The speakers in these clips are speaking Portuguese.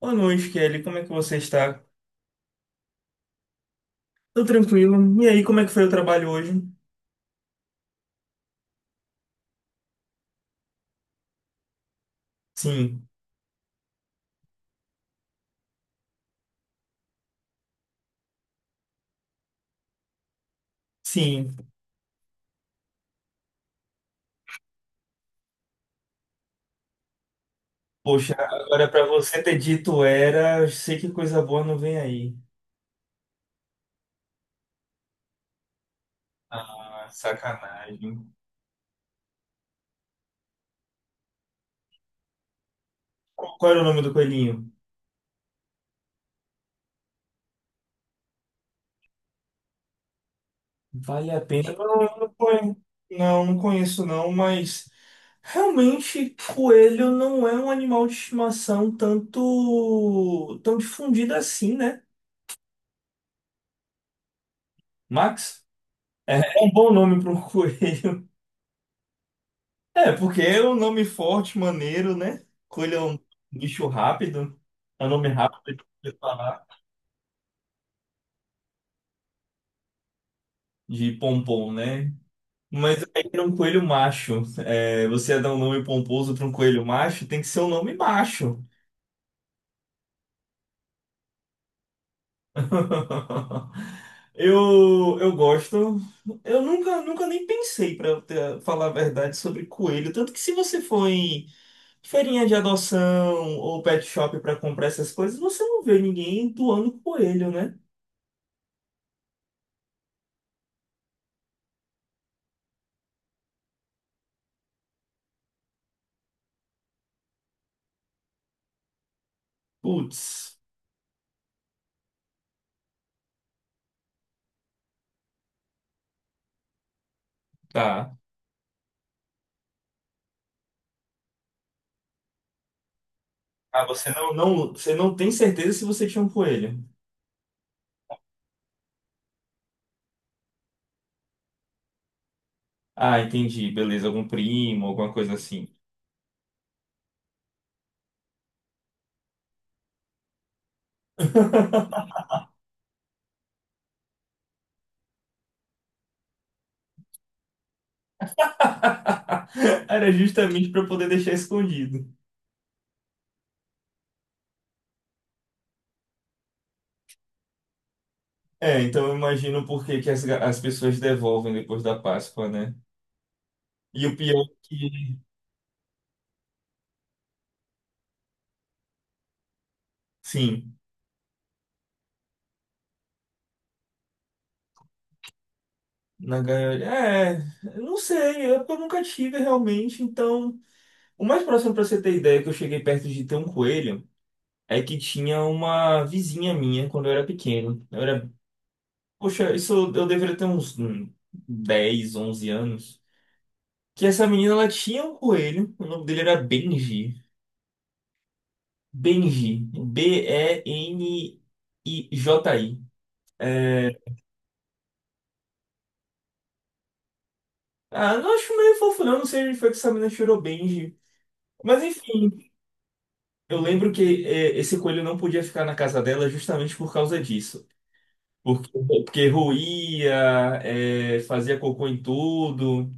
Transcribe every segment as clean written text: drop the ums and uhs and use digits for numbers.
Boa noite, Kelly. Como é que você está? Tô tranquilo. E aí, como é que foi o trabalho hoje? Sim, sim. Poxa, agora pra você ter dito era, eu sei que coisa boa não vem aí. Ah, sacanagem. Qual era o nome do coelhinho? Vale a pena. Não, eu não conheço. Não, não conheço não, mas realmente coelho não é um animal de estimação tanto tão difundido assim, né? Max? É, é um bom nome para um coelho. É, porque é um nome forte, maneiro, né? Coelho é um bicho rápido. É um nome rápido de falar. De pompom, né? Mas aí era um coelho macho. É, você ia dar um nome pomposo para um coelho macho, tem que ser um nome macho. Eu gosto. Eu nunca nem pensei, para falar a verdade, sobre coelho. Tanto que se você for em feirinha de adoção ou pet shop para comprar essas coisas, você não vê ninguém doando coelho, né? Putz. Tá. Ah, você não, você não tem certeza se você tinha um coelho. Ah, entendi. Beleza, algum primo, alguma coisa assim. Era justamente para poder deixar escondido. É, então eu imagino por que que as pessoas devolvem depois da Páscoa, né? E o pior é que, sim, na gaiola. É, eu não sei, é porque eu nunca tive realmente. Então, o mais próximo para você ter ideia que eu cheguei perto de ter um coelho é que tinha uma vizinha minha quando eu era pequeno. Eu era. Poxa, isso eu deveria ter uns 10, 11 anos. Que essa menina, ela tinha um coelho. O nome dele era Benji. Benji. B-E-N-I-J-I. É. Ah, não acho meio fofo, não. Não sei onde foi que essa menina tirou Benji. Mas enfim, eu lembro que é, esse coelho não podia ficar na casa dela justamente por causa disso. Porque roía, é, fazia cocô em tudo.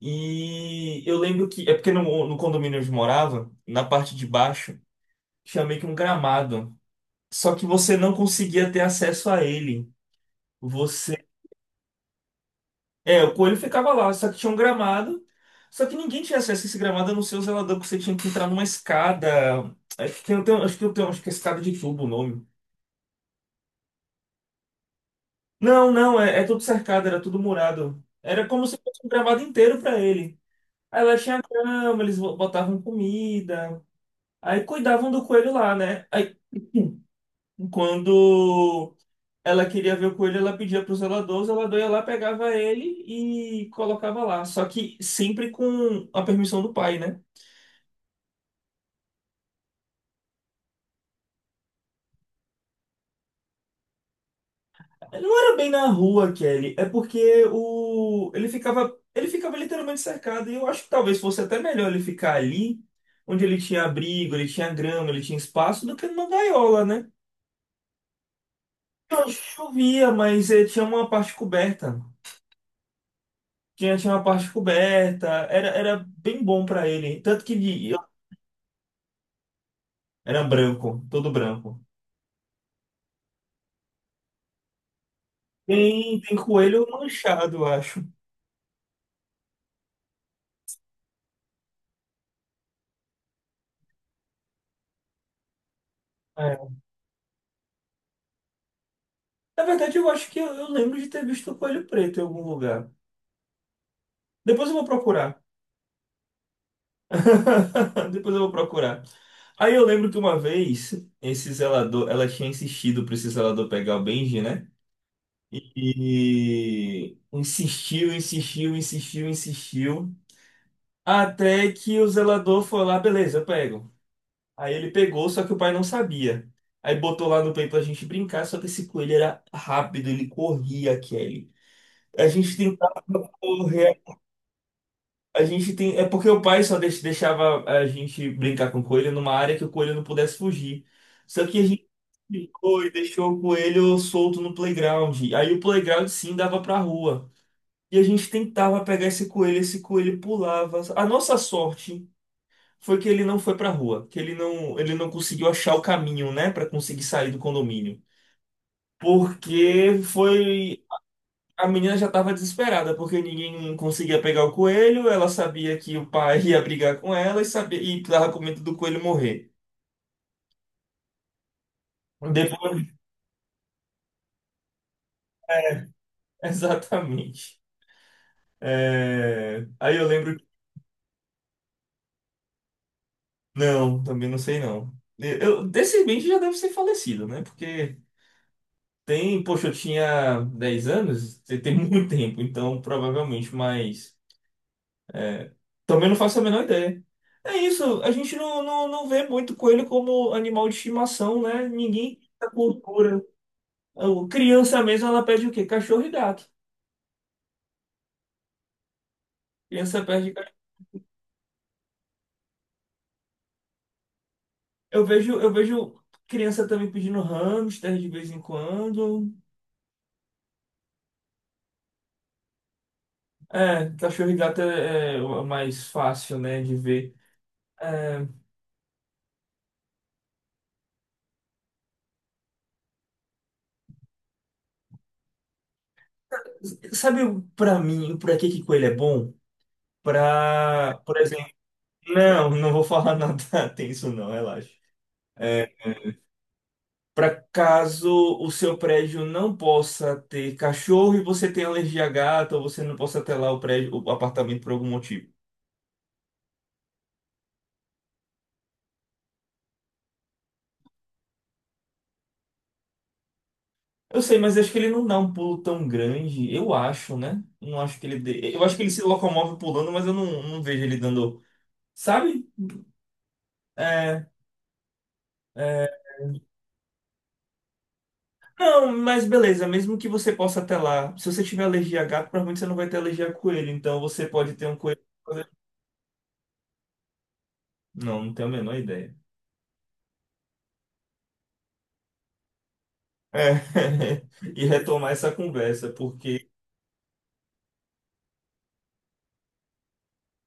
E eu lembro que, é porque no condomínio onde eu morava, na parte de baixo, tinha meio que um gramado. Só que você não conseguia ter acesso a ele. Você. É, o coelho ficava lá, só que tinha um gramado. Só que ninguém tinha acesso a esse gramado, a não ser o zelador, porque você tinha que entrar numa escada. Acho que acho que eu tenho, acho que é escada de tubo o nome. Não, é, é tudo cercado, era tudo murado. Era como se fosse um gramado inteiro pra ele. Aí lá tinha cama eles botavam comida. Aí cuidavam do coelho lá, né? Aí quando ela queria ver o coelho, ela pedia pro zelador, o zelador ia lá, pegava ele e colocava lá. Só que sempre com a permissão do pai, né? Não era bem na rua, Kelly, é porque o ele ficava literalmente cercado e eu acho que talvez fosse até melhor ele ficar ali, onde ele tinha abrigo, ele tinha grama, ele tinha espaço, do que numa gaiola, né? Não chovia, mas tinha uma parte coberta. Tinha uma parte coberta, era, era bem bom pra ele. Tanto que ele- eu- era branco, todo branco. Tem coelho manchado, eu acho. É. Na verdade, eu acho que eu lembro de ter visto coelho preto em algum lugar. Depois eu vou procurar. Depois eu vou procurar. Aí eu lembro que uma vez, esse zelador, ela tinha insistido para esse zelador pegar o Benji, né? E insistiu. Até que o zelador foi lá, beleza, eu pego. Aí ele pegou, só que o pai não sabia. Aí botou lá no play pra gente brincar, só que esse coelho era rápido, ele corria, Kelly. A gente tentou correr, a gente tem. É porque o pai só deixava a gente brincar com o coelho numa área que o coelho não pudesse fugir. Só que a gente ficou e deixou o coelho solto no playground. Aí o playground sim dava pra rua. E a gente tentava pegar esse coelho pulava. A nossa sorte foi que ele não foi pra rua, que ele não conseguiu achar o caminho, né, pra conseguir sair do condomínio. Porque foi, a menina já tava desesperada, porque ninguém conseguia pegar o coelho, ela sabia que o pai ia brigar com ela e sabia e tava com medo do coelho morrer. Depois, exatamente. É, aí eu lembro, não, também não sei não. Eu, desse bem já deve ser falecido, né? Porque tem, poxa, eu tinha 10 anos, tem muito tempo, então provavelmente mais. É, também não faço a menor ideia. É isso, a gente não vê muito coelho como animal de estimação, né? Ninguém tem essa cultura. O- Criança mesmo, ela pede o quê? Cachorro e gato. Criança pede cachorro. Eu vejo criança também pedindo hamster de vez em quando. É, cachorro e gato é, é o mais fácil, né, de ver. É, sabe, pra mim, pra que que coelho é bom? Pra, por exemplo, não, não vou falar nada tenso, não, relaxa. É, para caso o seu prédio não possa ter cachorro e você tenha alergia a gato, ou você não possa ter lá o prédio, o apartamento por algum motivo. Eu sei, mas acho que ele não dá um pulo tão grande, eu acho, né? Não acho que ele dê. Eu acho que ele se locomove pulando, mas eu não vejo ele dando. Sabe? É, é. Não, mas beleza, mesmo que você possa ter lá se você tiver alergia a gato, provavelmente você não vai ter alergia a coelho, então você pode ter um coelho. Não, não tenho a menor ideia. É. E retomar essa conversa, porque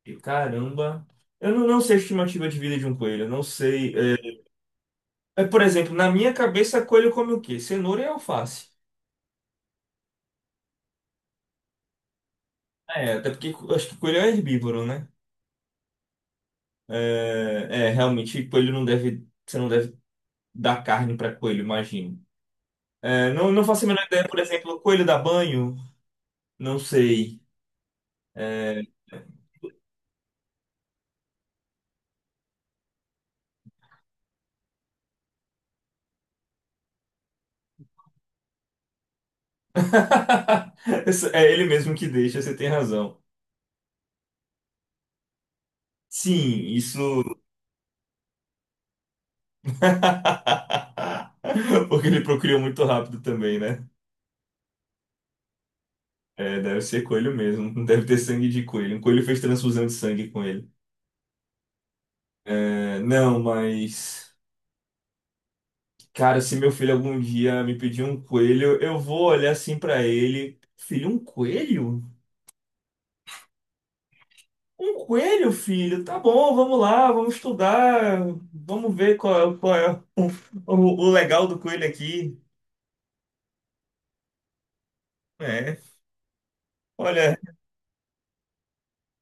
E, caramba. Eu não sei a estimativa de vida de um coelho. Eu não sei. É, é, por exemplo, na minha cabeça, coelho come o quê? Cenoura e alface. É, até porque acho que coelho é herbívoro, né? É, é, realmente, coelho não deve. Você não deve dar carne para coelho, imagino. É, não, não faço a menor ideia, por exemplo, coelho dá banho? Não sei. É. Isso é ele mesmo que deixa, você tem razão. Sim, isso. Porque ele procriou muito rápido também, né? É, deve ser coelho mesmo. Não deve ter sangue de coelho. Um coelho fez transfusão de sangue com ele. É, não, mas. Cara, se meu filho algum dia me pedir um coelho, eu vou olhar assim pra ele. Filho, um coelho? Um coelho, filho? Tá bom, vamos lá, vamos estudar. Vamos ver qual é o, o, o legal do coelho aqui. É. Olha.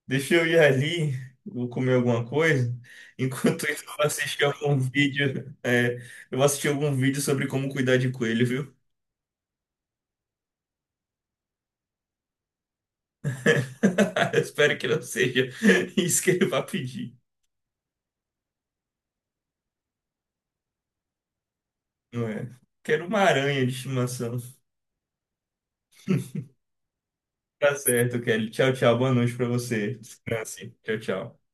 Deixa eu ir ali, vou comer alguma coisa. Enquanto isso, eu vou assistir algum vídeo. É, eu vou assistir algum vídeo sobre como cuidar de coelho, viu? Eu espero que não seja isso que ele vai pedir. Não é? Quero uma aranha de estimação. Tá certo, Kelly. Tchau, tchau. Boa noite pra você. Descanse. Tchau, tchau.